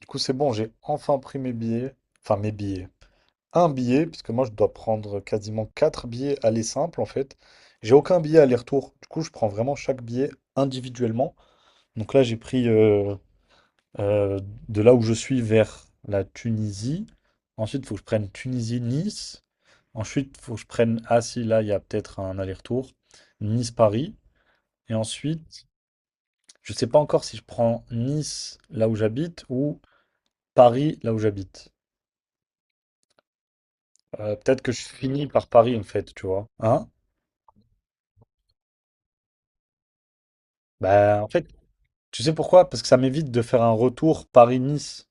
Du coup, c'est bon, j'ai enfin pris mes billets. Enfin, mes billets. Un billet, puisque moi, je dois prendre quasiment quatre billets aller simple, en fait. J'ai aucun billet aller-retour. Du coup, je prends vraiment chaque billet individuellement. Donc là, j'ai pris euh, de là où je suis vers la Tunisie. Ensuite, il faut que je prenne Tunisie-Nice. Ensuite, il faut que je prenne... Ah si, là, il y a peut-être un aller-retour. Nice-Paris. Et ensuite, je ne sais pas encore si je prends Nice, là où j'habite, ou Paris, là où j'habite. Peut-être que je finis par Paris, en fait, tu vois. Hein? Bah, en fait, tu sais pourquoi? Parce que ça m'évite de faire un retour Paris-Nice.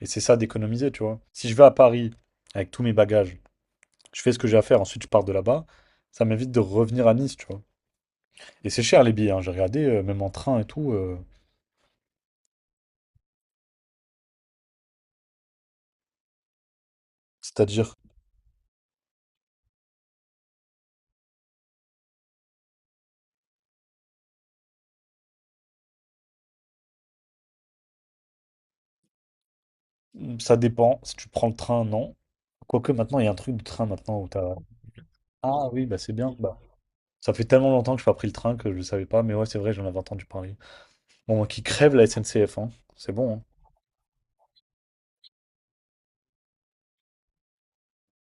Et c'est ça d'économiser, tu vois. Si je vais à Paris avec tous mes bagages, je fais ce que j'ai à faire, ensuite je pars de là-bas, ça m'évite de revenir à Nice, tu vois. Et c'est cher les billets, hein. J'ai regardé, même en train et tout. C'est-à-dire, ça dépend. Si tu prends le train, non. Quoique maintenant, il y a un truc de train maintenant où t'as. Ah oui, bah c'est bien. Bah, ça fait tellement longtemps que je n'ai pas pris le train que je ne savais pas, mais ouais, c'est vrai, j'en avais entendu parler. Bon, qui crève la SNCF, hein. C'est bon, hein.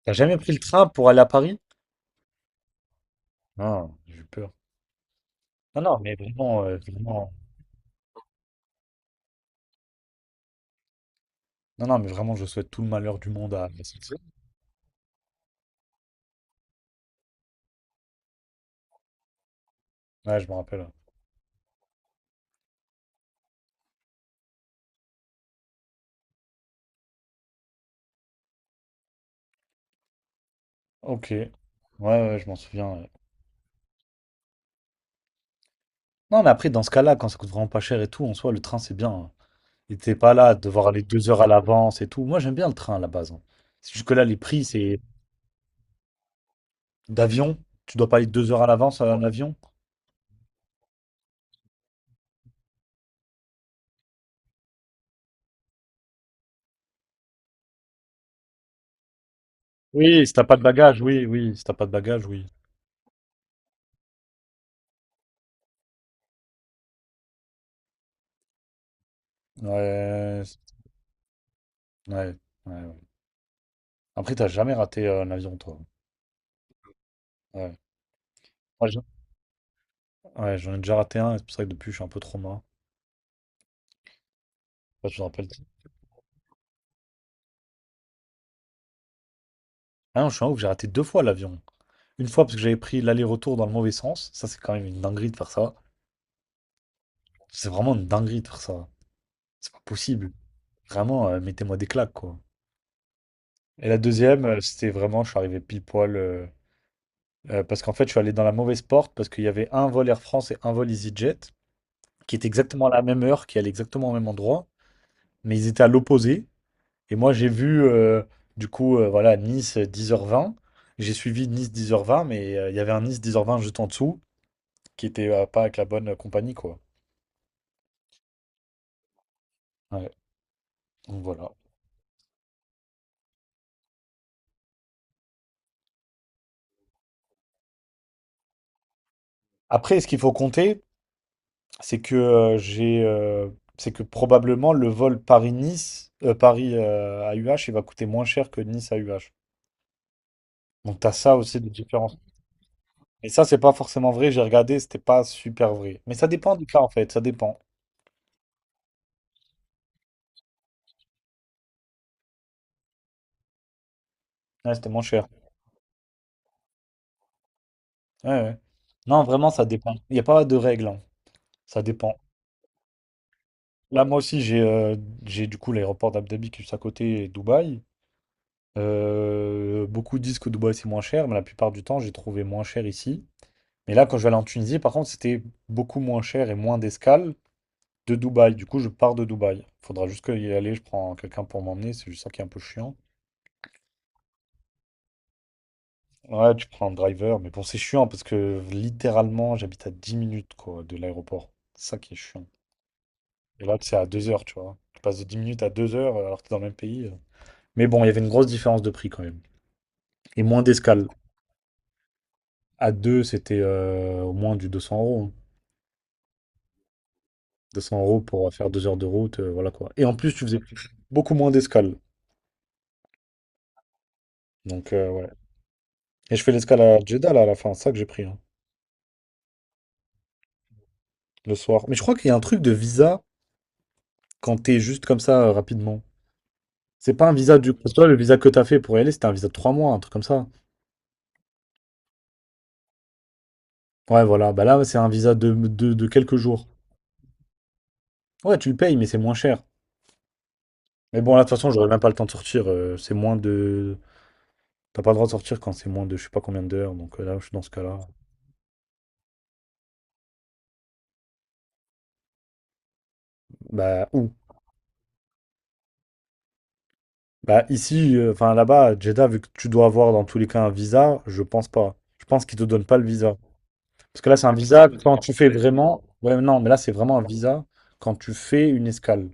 T'as jamais pris le train pour aller à Paris? Non, j'ai eu peur. Non, non, mais vraiment, vraiment. Non, non, mais vraiment, je souhaite tout le malheur du monde à la SNCF. Ouais, je me rappelle. Ok. Ouais, ouais, je m'en souviens. Ouais. Non, mais après, dans ce cas-là, quand ça coûte vraiment pas cher et tout, en soi, le train, c'est bien. Hein. Et t'es pas là à devoir aller 2 heures à l'avance et tout. Moi, j'aime bien le train à la base. Hein. C'est juste que là, les prix, c'est d'avion. Tu dois pas aller deux heures à l'avance en avion. Oui, si t'as pas de bagages, oui, oui. Si t'as pas de bagages, oui. Ouais, ouais, ouais. Ouais. Après, t'as jamais raté un avion, toi. Ouais. Moi, j'en Ouais, j'en ai déjà raté un, et c'est pour ça que depuis, je suis un peu trop main. Je sais pas si tu te rappelles. Ah non, je suis un ouf, j'ai raté deux fois l'avion. Une fois parce que j'avais pris l'aller-retour dans le mauvais sens. Ça, c'est quand même une dinguerie de faire ça. C'est vraiment une dinguerie de faire ça. C'est pas possible. Vraiment, mettez-moi des claques, quoi. Et la deuxième, c'était vraiment, je suis arrivé pile poil. Parce qu'en fait, je suis allé dans la mauvaise porte parce qu'il y avait un vol Air France et un vol EasyJet qui étaient exactement à la même heure, qui allaient exactement au même endroit. Mais ils étaient à l'opposé. Et moi, j'ai vu, du coup, voilà, Nice 10h20. J'ai suivi Nice dix heures vingt, mais il y avait un Nice dix heures vingt juste en dessous, qui était pas avec la bonne compagnie, quoi. Ouais, donc voilà. Après, ce qu'il faut compter, c'est que c'est que probablement le vol Paris-Nice, Paris AUH, il va coûter moins cher que Nice AUH. Donc t'as ça aussi de différence. Et ça, c'est pas forcément vrai. J'ai regardé, c'était pas super vrai. Mais ça dépend du cas, en fait. Ça dépend. Ouais, c'était moins cher. Ouais, ouais. Non, vraiment, ça dépend. Il n'y a pas de règle. Hein. Ça dépend. Là, moi aussi, j'ai du coup l'aéroport d'Abu Dhabi qui est juste à côté et Dubaï. Beaucoup disent que Dubaï c'est moins cher, mais la plupart du temps, j'ai trouvé moins cher ici. Mais là, quand je vais aller en Tunisie, par contre, c'était beaucoup moins cher et moins d'escale de Dubaï. Du coup, je pars de Dubaï. Faudra juste y aller, je prends quelqu'un pour m'emmener, c'est juste ça qui est un peu chiant. Ouais, tu prends un driver, mais bon, c'est chiant parce que littéralement, j'habite à 10 minutes quoi, de l'aéroport. C'est ça qui est chiant. Et là, c'est à 2 heures, tu vois. Tu passes de 10 minutes à 2 heures alors que t'es dans le même pays. Mais bon, il y avait une grosse différence de prix quand même. Et moins d'escale. À deux, c'était au moins du 200 euros. Hein. 200 € pour faire 2 heures de route, voilà quoi. Et en plus, tu faisais beaucoup moins d'escale. Donc, ouais. Et je fais l'escale à Jeddah, là, à la fin. C'est ça que j'ai pris, hein, le soir. Mais je crois qu'il y a un truc de visa quand t'es juste comme ça, rapidement. C'est pas un visa du... Parce que toi, le visa que t'as fait pour y aller, c'était un visa de 3 mois, un truc comme ça. Ouais, voilà. Bah là, c'est un visa de quelques jours. Ouais, tu le payes, mais c'est moins cher. Mais bon, là, de toute façon, j'aurais même pas le temps de sortir. C'est moins de... T'as pas le droit de sortir quand c'est moins de je sais pas combien d'heures, donc là, je suis dans ce cas-là. Bah, où? Bah, ici, enfin là-bas, à Jeddah, vu que tu dois avoir dans tous les cas un visa, je pense pas. Je pense qu'ils te donnent pas le visa. Parce que là, c'est un visa quand tu fais vraiment. Ouais, mais non, mais là, c'est vraiment un visa quand tu fais une escale,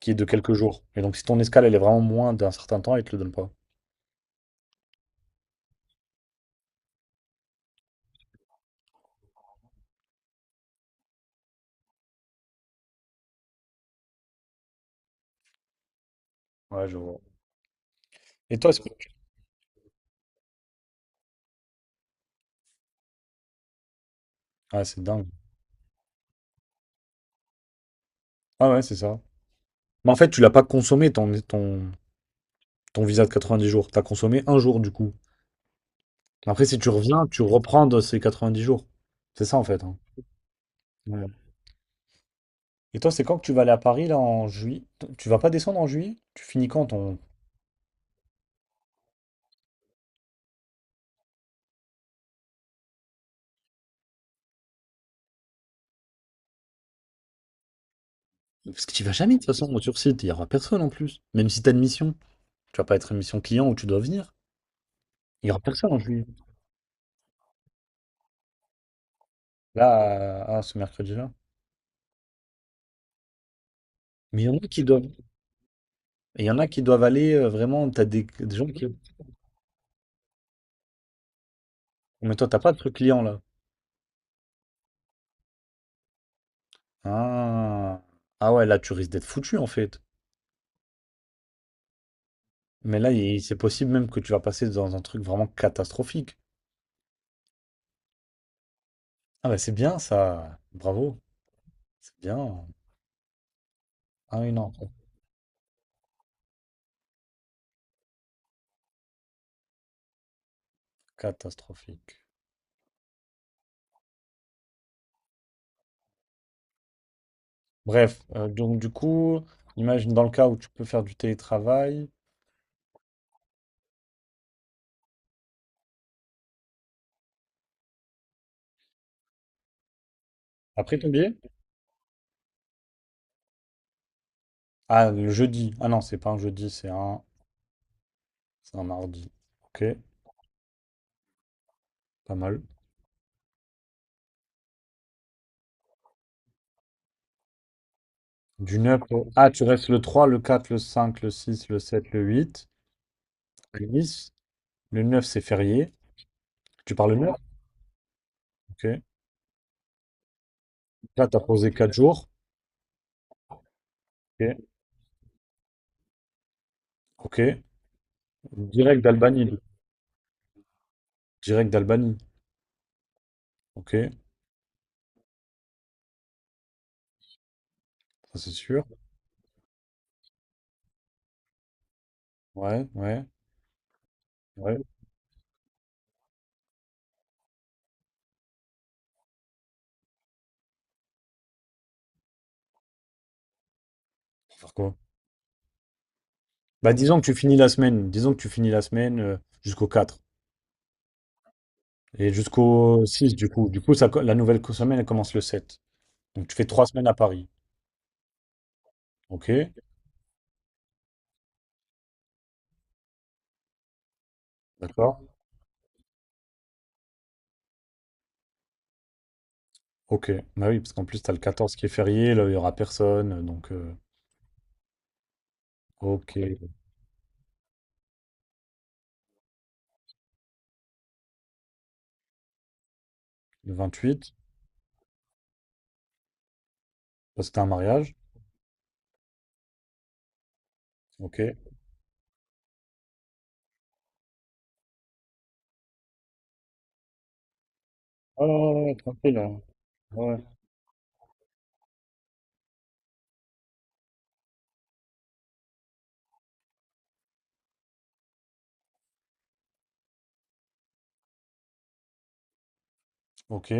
qui est de quelques jours. Et donc, si ton escale, elle est vraiment moins d'un certain temps, ils te le donnent pas. Ouais, je vois. Et toi, est-ce que. Tu- Ah, c'est dingue. Ah ouais, c'est ça. Mais en fait, tu l'as pas consommé ton visa de 90 jours. T'as consommé un jour, du coup. Après, si tu reviens, tu reprends de ces 10 jours. C'est ça en fait. Hein. Ouais. Et toi, c'est quand que tu vas aller à Paris là en juillet? T- Tu vas pas descendre en juillet? Tu finis quand ton. Parce que tu vas jamais de toute façon sur site, il y aura personne en plus. Même si t'as une mission, tu vas pas être une mission client où tu dois venir. Il y aura personne en juillet. Là, ah, ce mercredi-là. Mais il y en a qui doivent. Et il y en a qui doivent aller vraiment. T'as des gens qui. Mais toi, t'as pas de truc client là. Ah. Ah ouais, là, tu risques d'être foutu en fait. Mais là, il- c'est possible même que tu vas passer dans un truc vraiment catastrophique. Ah bah c'est bien ça, bravo, c'est bien. Ah oui, non, catastrophique. Bref, donc du coup, imagine dans le cas où tu peux faire du télétravail. Après ton billet? Ah, le jeudi. Ah non, c'est pas un jeudi, c'est un mardi. Ok, pas mal. Du 9. Au... Ah, tu restes le 3, le 4, le 5, le 6, le 7, le 8. Le 10. Le 9 c'est férié. Tu pars le 9. Ok. Là, t'as posé 4 jours. Ok. Ok. Direct d'Albanie. Direct d'Albanie. Ok, ça c'est sûr. Ouais, ouais, ouais. Faut faire quoi? Bah disons que tu finis la semaine, disons que tu finis la semaine jusqu'au 4 et jusqu'au 6 du coup. Du coup, ça, co- la nouvelle co- semaine elle commence le 7. Donc tu fais 3 semaines à Paris. Ok, d'accord. Ok, bah oui, parce qu'en plus t'as le 14 qui est férié, là il y aura personne. Donc ok, le 28 parce que t'as un mariage. Ok. Tranquille, hein. Ouais. Ok.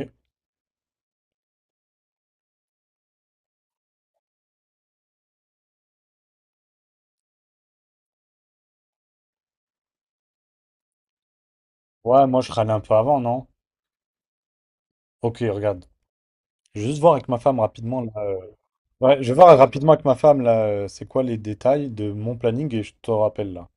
Ouais, moi je râle un peu avant, non? Ok, regarde. Je vais juste voir avec ma femme rapidement là. Ouais, je vais voir rapidement avec ma femme là, c'est quoi les détails de mon planning et je te rappelle là.